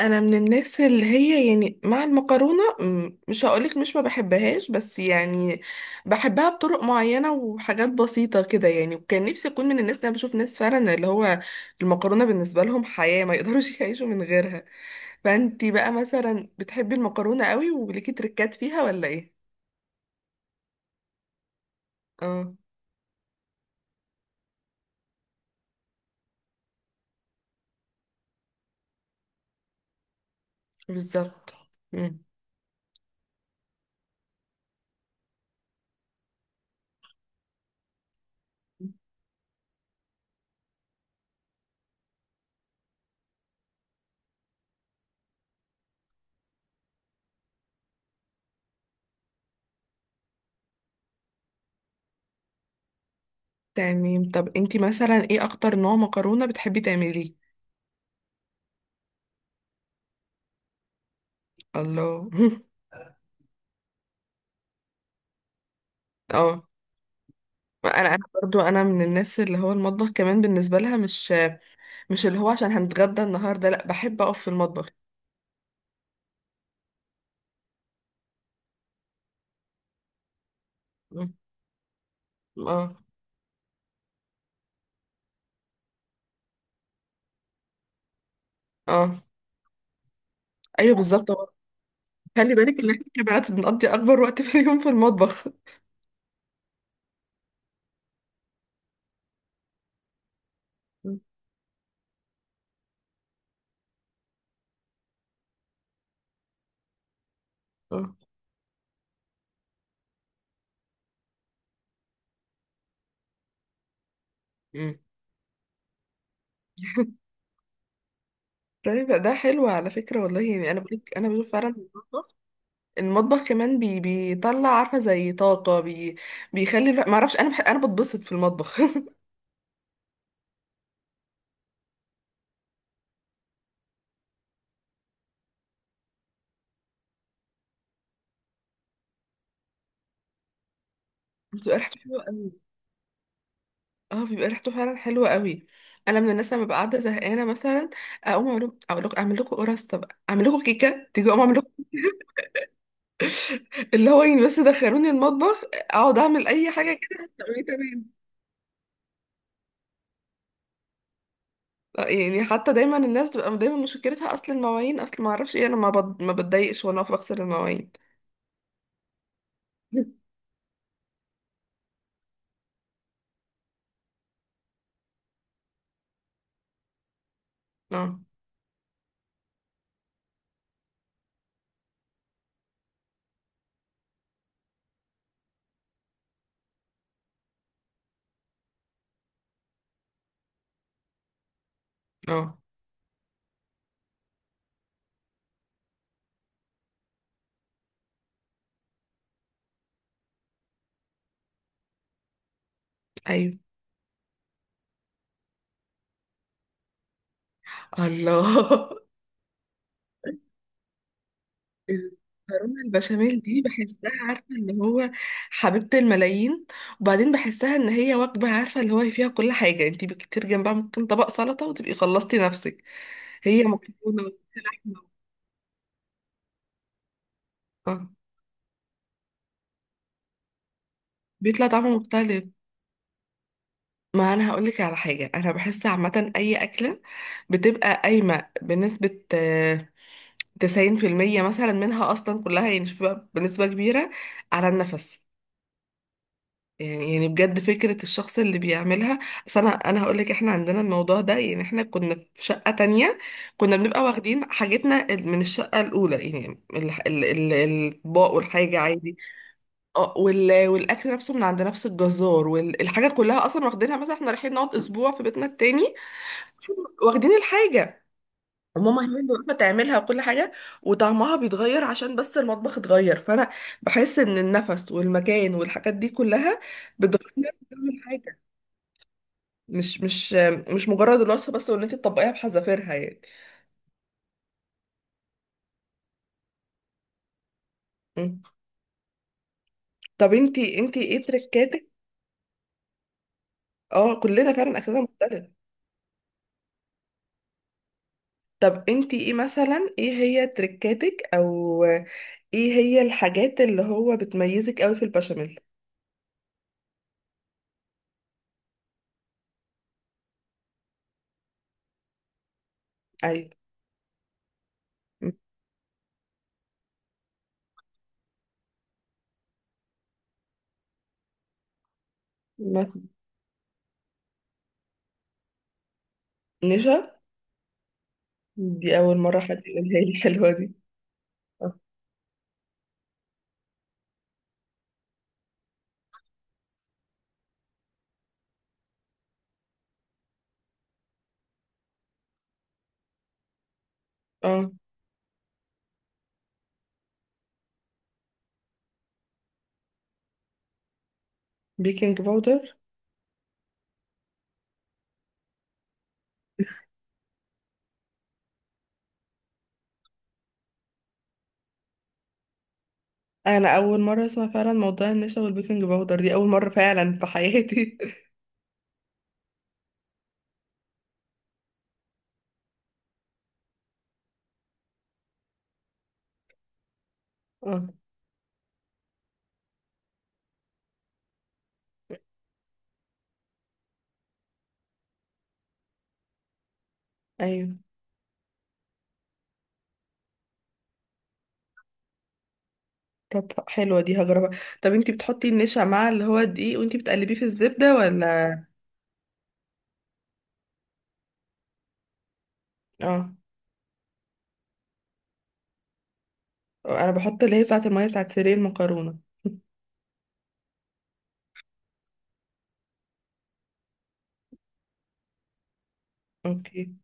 انا من الناس اللي هي يعني مع المكرونه م- مش هقولك مش ما بحبهاش بس يعني بحبها بطرق معينه وحاجات بسيطه كده يعني، وكان نفسي اكون من الناس اللي انا بشوف ناس فعلا اللي هو المكرونه بالنسبه لهم حياه، ما يقدروش يعيشوا من غيرها. فانتي بقى مثلا بتحبي المكرونه قوي وليكي تركات فيها ولا ايه؟ اه، بالظبط. مم. تمام، طب انتي مثلا ايه اكتر نوع مكرونه بتحبي تعمليه؟ الله. اه. انا برضو انا من الناس اللي هو المطبخ كمان بالنسبه لها مش اللي هو عشان هنتغدى النهارده، لا بحب اقف في المطبخ. مم. اه. اه، ايوه بالظبط هو. خلي بالك ان احنا كبنات بنقضي اكبر وقت في اليوم في المطبخ. مم. اه. مم. طيب ده حلو على فكره والله، يعني انا بقولك انا بشوف فعلا المطبخ، المطبخ كمان بي بيطلع عارفه زي طاقه بي، بيخلي الواحد- ما اعرفش، انا انا بتبسط في المطبخ. بتبقى ريحته حلوه أوي. اه، بيبقى ريحته فعلا حلوه قوي. انا من الناس لما ببقى قاعده زهقانه مثلا اقوم اعمل، اقول لكم اعمل لكم قرصه بقى، اعمل لكم كيكه، تيجي اقوم اعمل لكم. اللي هو يعني بس دخلوني المطبخ اقعد اعمل اي حاجه كده، هتلاقوني تمام. آه، يعني حتى دايما الناس بتبقى دايما مشكلتها اصل المواعين، اصل ما اعرفش ايه، انا ما بتضايقش وانا واقفه بغسل المواعين. اه. اه، ايوه. الله. المكرونه البشاميل دي بحسها عارفه اللي هو حبيبه الملايين. وبعدين بحسها ان هي وجبه عارفه اللي هو فيها كل حاجه، انت بكتير جنبها ممكن طبق سلطه وتبقي خلصتي نفسك. هي مكرونه ولحمه. اه، بيطلع طعمه مختلف. ما انا هقول لك على حاجه، انا بحس عامه اي اكله بتبقى قايمه بنسبه آه، 90% مثلا منها، اصلا كلها يعني، شوف بقى بنسبه كبيره على النفس. يعني يعني بجد فكرة الشخص اللي بيعملها. أصل أنا هقولك إحنا عندنا الموضوع ده، يعني إحنا كنا في شقة تانية، كنا بنبقى واخدين حاجتنا من الشقة الأولى يعني الأطباق والحاجة عادي. اه، والأكل نفسه من عند نفس الجزار والحاجة، كلها أصلا واخدينها مثلا، إحنا رايحين نقعد أسبوع في بيتنا التاني. واخدين الحاجة، ماما هي اللي واقفه تعملها وكل حاجه، وطعمها بيتغير عشان بس المطبخ اتغير. فانا بحس ان النفس والمكان والحاجات دي كلها بتغير كل حاجه. مش مش مش مجرد الوصفه بس، وان انت تطبقيها بحذافيرها يعني. مم. طب انتي ايه تركاتك؟ اه، كلنا فعلا اكلنا مختلف. طب انتي ايه مثلا، ايه هي تركاتك، او ايه هي الحاجات اللي هو بتميزك قوي في البشاميل؟ ايوه. مم. مثلا. نشا. دي اول مره حد يقولها لي، الحلوه دي. اه. بيكنج باودر. انا اول مره اسمع فعلا موضوع النشا والبيكنج باودر، دي اول مره فعلا في حياتي. اه. ايوه. طب حلوه دي هجربها. طب انتي بتحطي النشا مع اللي هو الدقيق وانتي بتقلبيه في الزبده ولا؟ اه. انا بحط اللي هي بتاعه الميه بتاعه سيرين المكرونه. اوكي.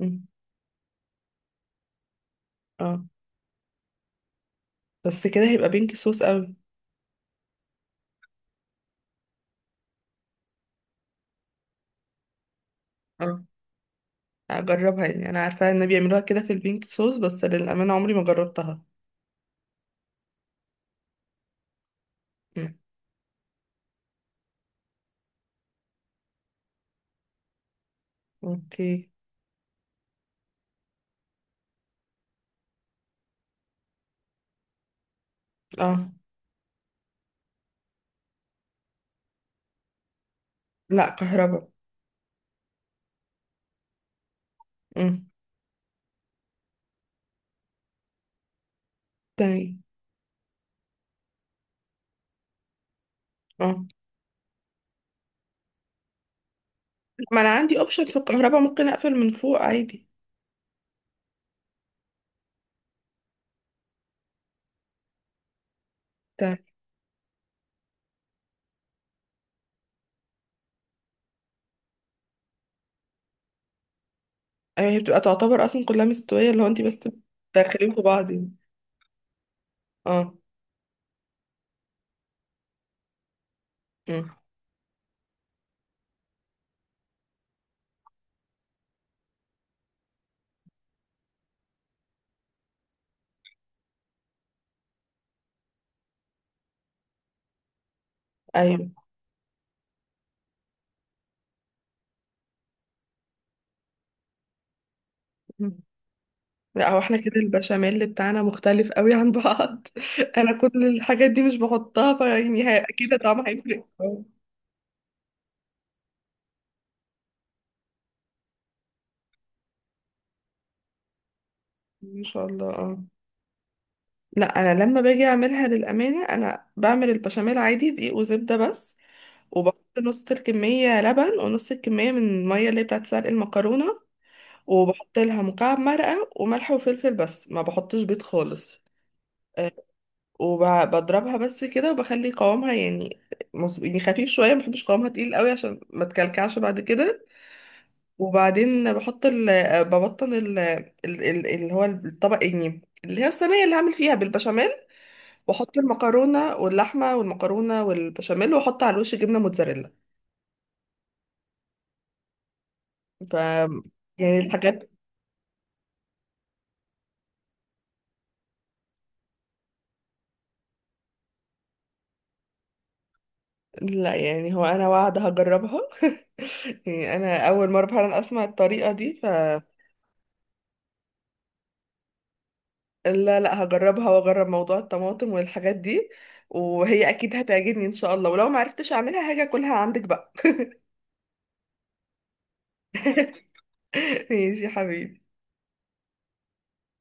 أمم. اه. بس كده هيبقى بينك صوص قوي. اه، اجربها يعني، انا عارفه ان بيعملوها كده في البينك صوص بس للامانه عمري ما جربتها. أمم. اوكي. اه. لا، كهربا. أمم. تمام. اه. ما انا عندي اوبشن في الكهرباء، ممكن اقفل من فوق عادي. تمام. ايوه، هي بتبقى تعتبر اصلا كلها مستويه اللي هو انت بس بتدخلين في بعض يعني. اه. مم. ايوه. مم. لا، هو احنا كده البشاميل بتاعنا مختلف قوي عن بعض. انا كل الحاجات دي مش بحطها، فيعني هي- اكيد طعمها هيفرق آه. ان شاء الله. اه، لا انا لما باجي اعملها للامانه، انا بعمل البشاميل عادي دقيق وزبده بس، وبحط نص الكميه لبن ونص الكميه من الميه اللي هي بتاعت سلق المكرونه. وبحط لها مكعب مرقة وملح وفلفل بس، ما بحطش بيض خالص. آه، وبضربها بس كده، وبخلي قوامها يعني مظبوط، يعني خفيف شوية، ما بحبش قوامها تقيل قوي عشان ما تكلكعش بعد كده. وبعدين بحط ال... آه، ببطن ال... ال... ال... اللي هو الطبق يعني، اللي هي الصينية اللي هعمل فيها بالبشاميل. واحط المكرونة واللحمة والمكرونة والبشاميل، واحط على الوش جبنة موتزاريلا. ف، يعني الحاجات. لا يعني هو انا واعده هجربها. يعني انا اول مره فعلا اسمع الطريقه دي، ف، لا لا، هجربها واجرب موضوع الطماطم والحاجات دي، وهي اكيد هتعجبني ان شاء الله، ولو ما عرفتش اعملها هاجي اكلها عندك بقى. ماشي يا حبيبي.